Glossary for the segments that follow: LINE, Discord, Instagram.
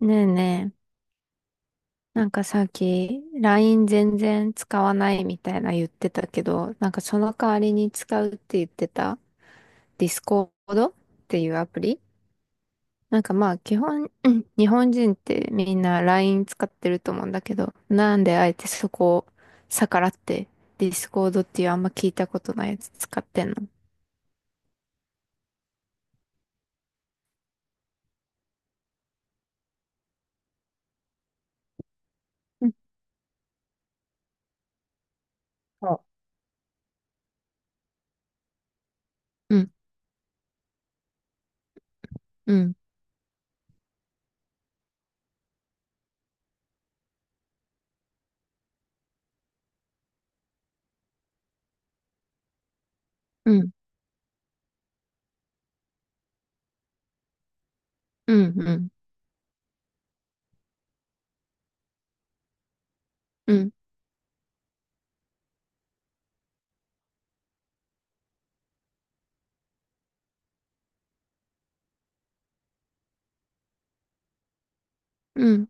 ねえねえ、なんかさっき LINE 全然使わないみたいな言ってたけど、なんかその代わりに使うって言ってた Discord っていうアプリ、なんかまあ基本、うん、日本人ってみんな LINE 使ってると思うんだけど、なんであえてそこを逆らって Discord っていうあんま聞いたことないやつ使ってんの？うん。そう。うん、うん、うん、うん、うん、うん、うん、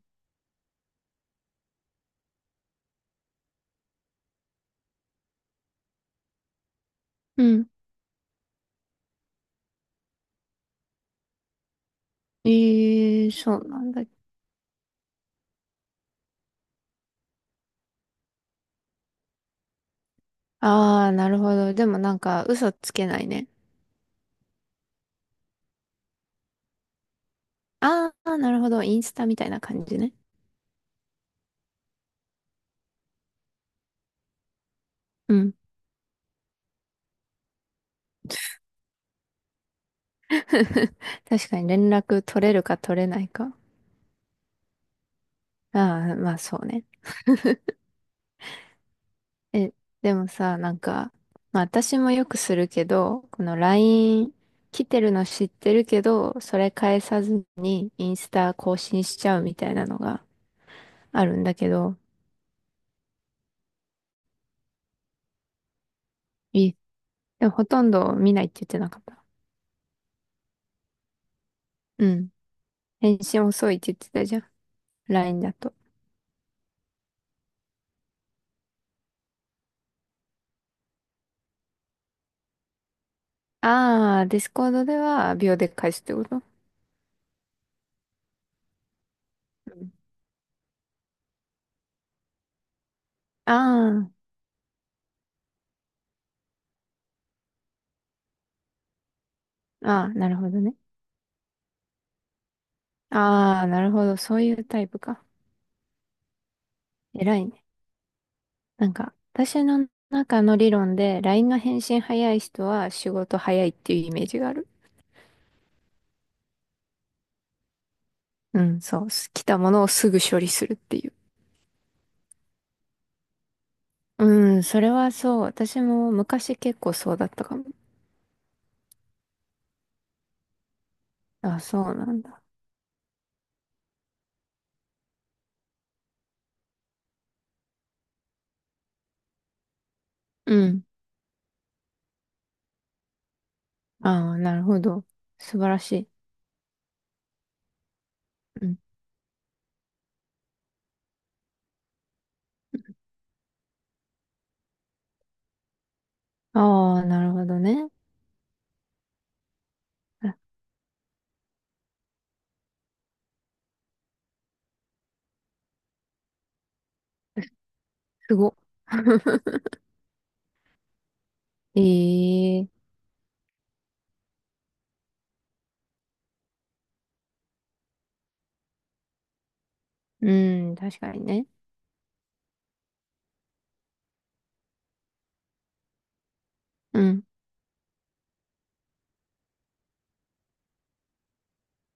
うん。ええ、そうなんだ。ああ、なるほど。でもなんか嘘つけないね。ああ、なるほど。インスタみたいな感じね。うん。確かに連絡取れるか取れないか。ああ、まあそうね。え、でもさ、なんか、まあ私もよくするけど、この LINE 来てるの知ってるけど、それ返さずにインスタ更新しちゃうみたいなのがあるんだけど、え、でもほとんど見ないって言ってなかった？うん。返信遅いって言ってたじゃん。LINE だと。ああ、ディスコードでは秒で返すってこと？うん。ああ、ああ、なるほどね。ああ、なるほど。そういうタイプか。偉いね。なんか、私の中の理論で、LINE の返信早い人は仕事早いっていうイメージがある。うん、そう。来たものをすぐ処理するっていう。うん、それはそう。私も昔結構そうだったかも。あ、そうなんだ。うん。ああ、なるほど。素晴らしい。うん。ああ、なるほどね。あ、すごっ。ええ、うん、確かにね。うん、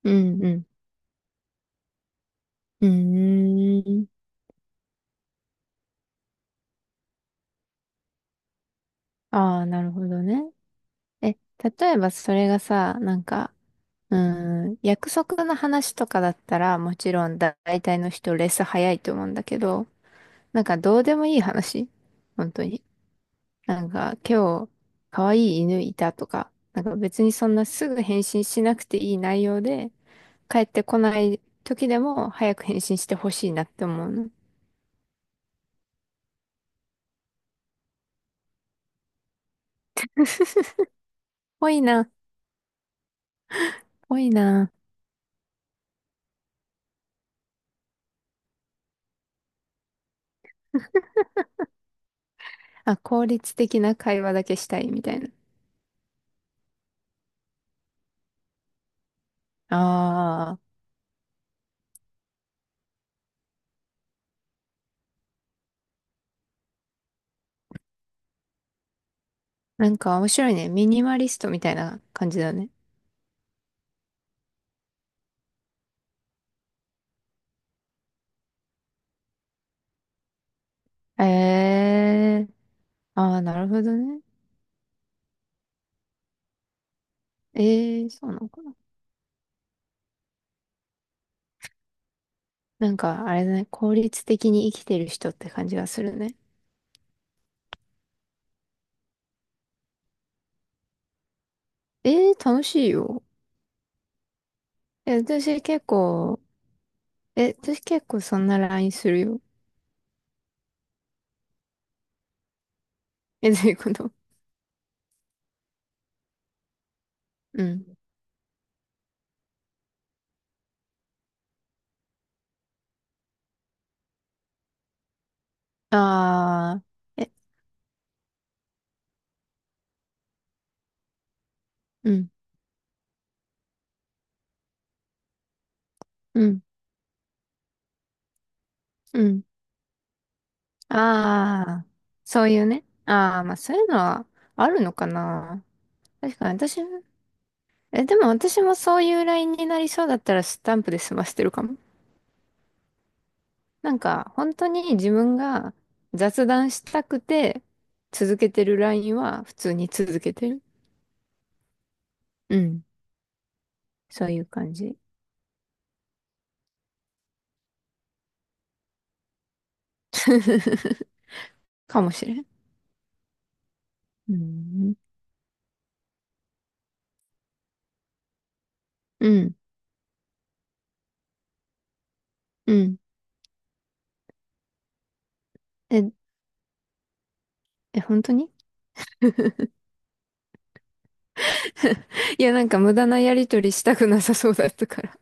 うん、うん。うーん。ああ、なるほどね。え、例えばそれがさ、なんか、うーん、約束の話とかだったら、もちろん大体の人レス早いと思うんだけど、なんかどうでもいい話、本当に。なんか、今日、可愛い犬いたとか、なんか別にそんなすぐ返信しなくていい内容で、帰ってこない時でも早く返信してほしいなって思うの。多いな。多いな。あ、効率的な会話だけしたいみたいな。ああ、なんか面白いね。ミニマリストみたいな感じだね。ええー。ああ、なるほどね。ええー、そうなのかな。なんか、あれだね。効率的に生きてる人って感じがするね。ええー、楽しいよ。え、私結構、え、私結構そんな LINE するよ。え、どういうこと？うん。ああ、え、うん、うん、うん。ああ、そういうね。ああ、まあそういうのはあるのかな。確かに私、え、でも私もそういうラインになりそうだったらスタンプで済ましてるかも。なんか本当に自分が雑談したくて続けてるラインは普通に続けてる。うん。そういう感じ。かもしれん。うん。うん。うん。え、え、本当に？ いや、なんか無駄なやりとりしたくなさそうだったから。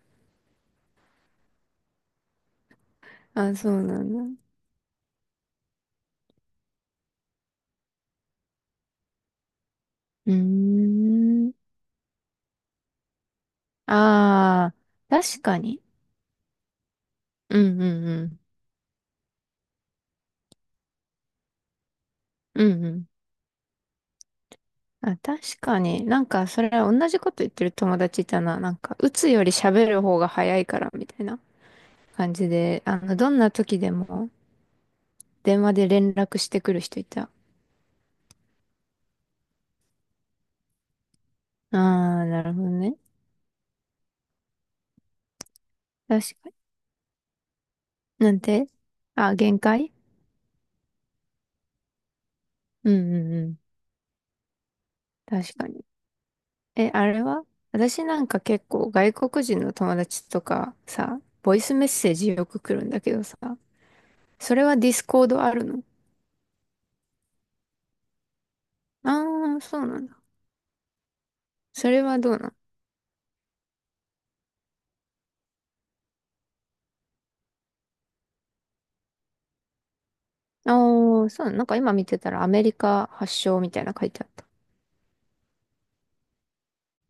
あ、そうなんだ。うーん。ああ、確かに。うんうんうん。うんうん。あ、確かに。なんか、それ同じこと言ってる友達いたな。なんか、打つより喋る方が早いから、みたいな感じで、どんな時でも電話で連絡してくる人いた。ああ、なるほどね。確かに。なんて、あ、限界。うんうんうん。確かに。え、あれは私なんか結構外国人の友達とかさ、ボイスメッセージよく来るんだけどさ、それはディスコードあるの？ああ、そうなんだ。それはどうなの？ああー、そうなの。なんか今見てたらアメリカ発祥みたいな書いてあった。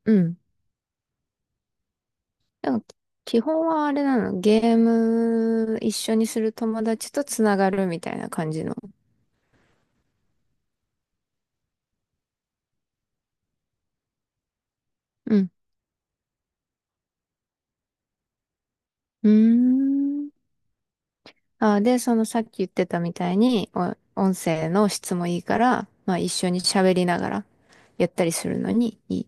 うん。なんか基本はあれなの？ゲーム一緒にする友達とつながるみたいな感じの？うん。うーん。あー、で、そのさっき言ってたみたいに、音声の質もいいから、まあ一緒に喋りながらやったりするのにいい。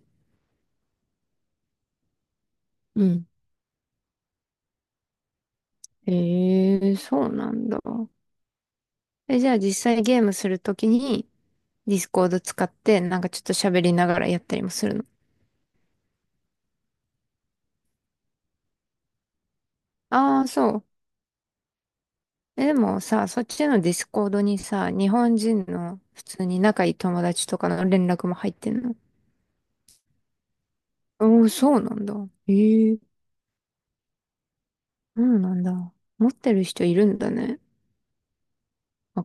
うん。ええ、そうなんだ。え、じゃあ実際ゲームするときに、ディスコード使って、なんかちょっと喋りながらやったりもするの？ああ、そう。え、でもさ、そっちのディスコードにさ、日本人の普通に仲いい友達とかの連絡も入ってんの？おおー、そうなんだ。ええ、そうなんだ。持ってる人いるんだね。あ、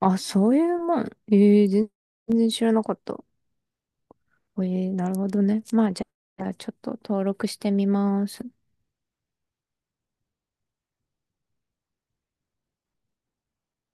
あ、そういうもん？ええ、全然知らなかった。ええ、なるほどね。まあ、じゃあちょっと登録してみます。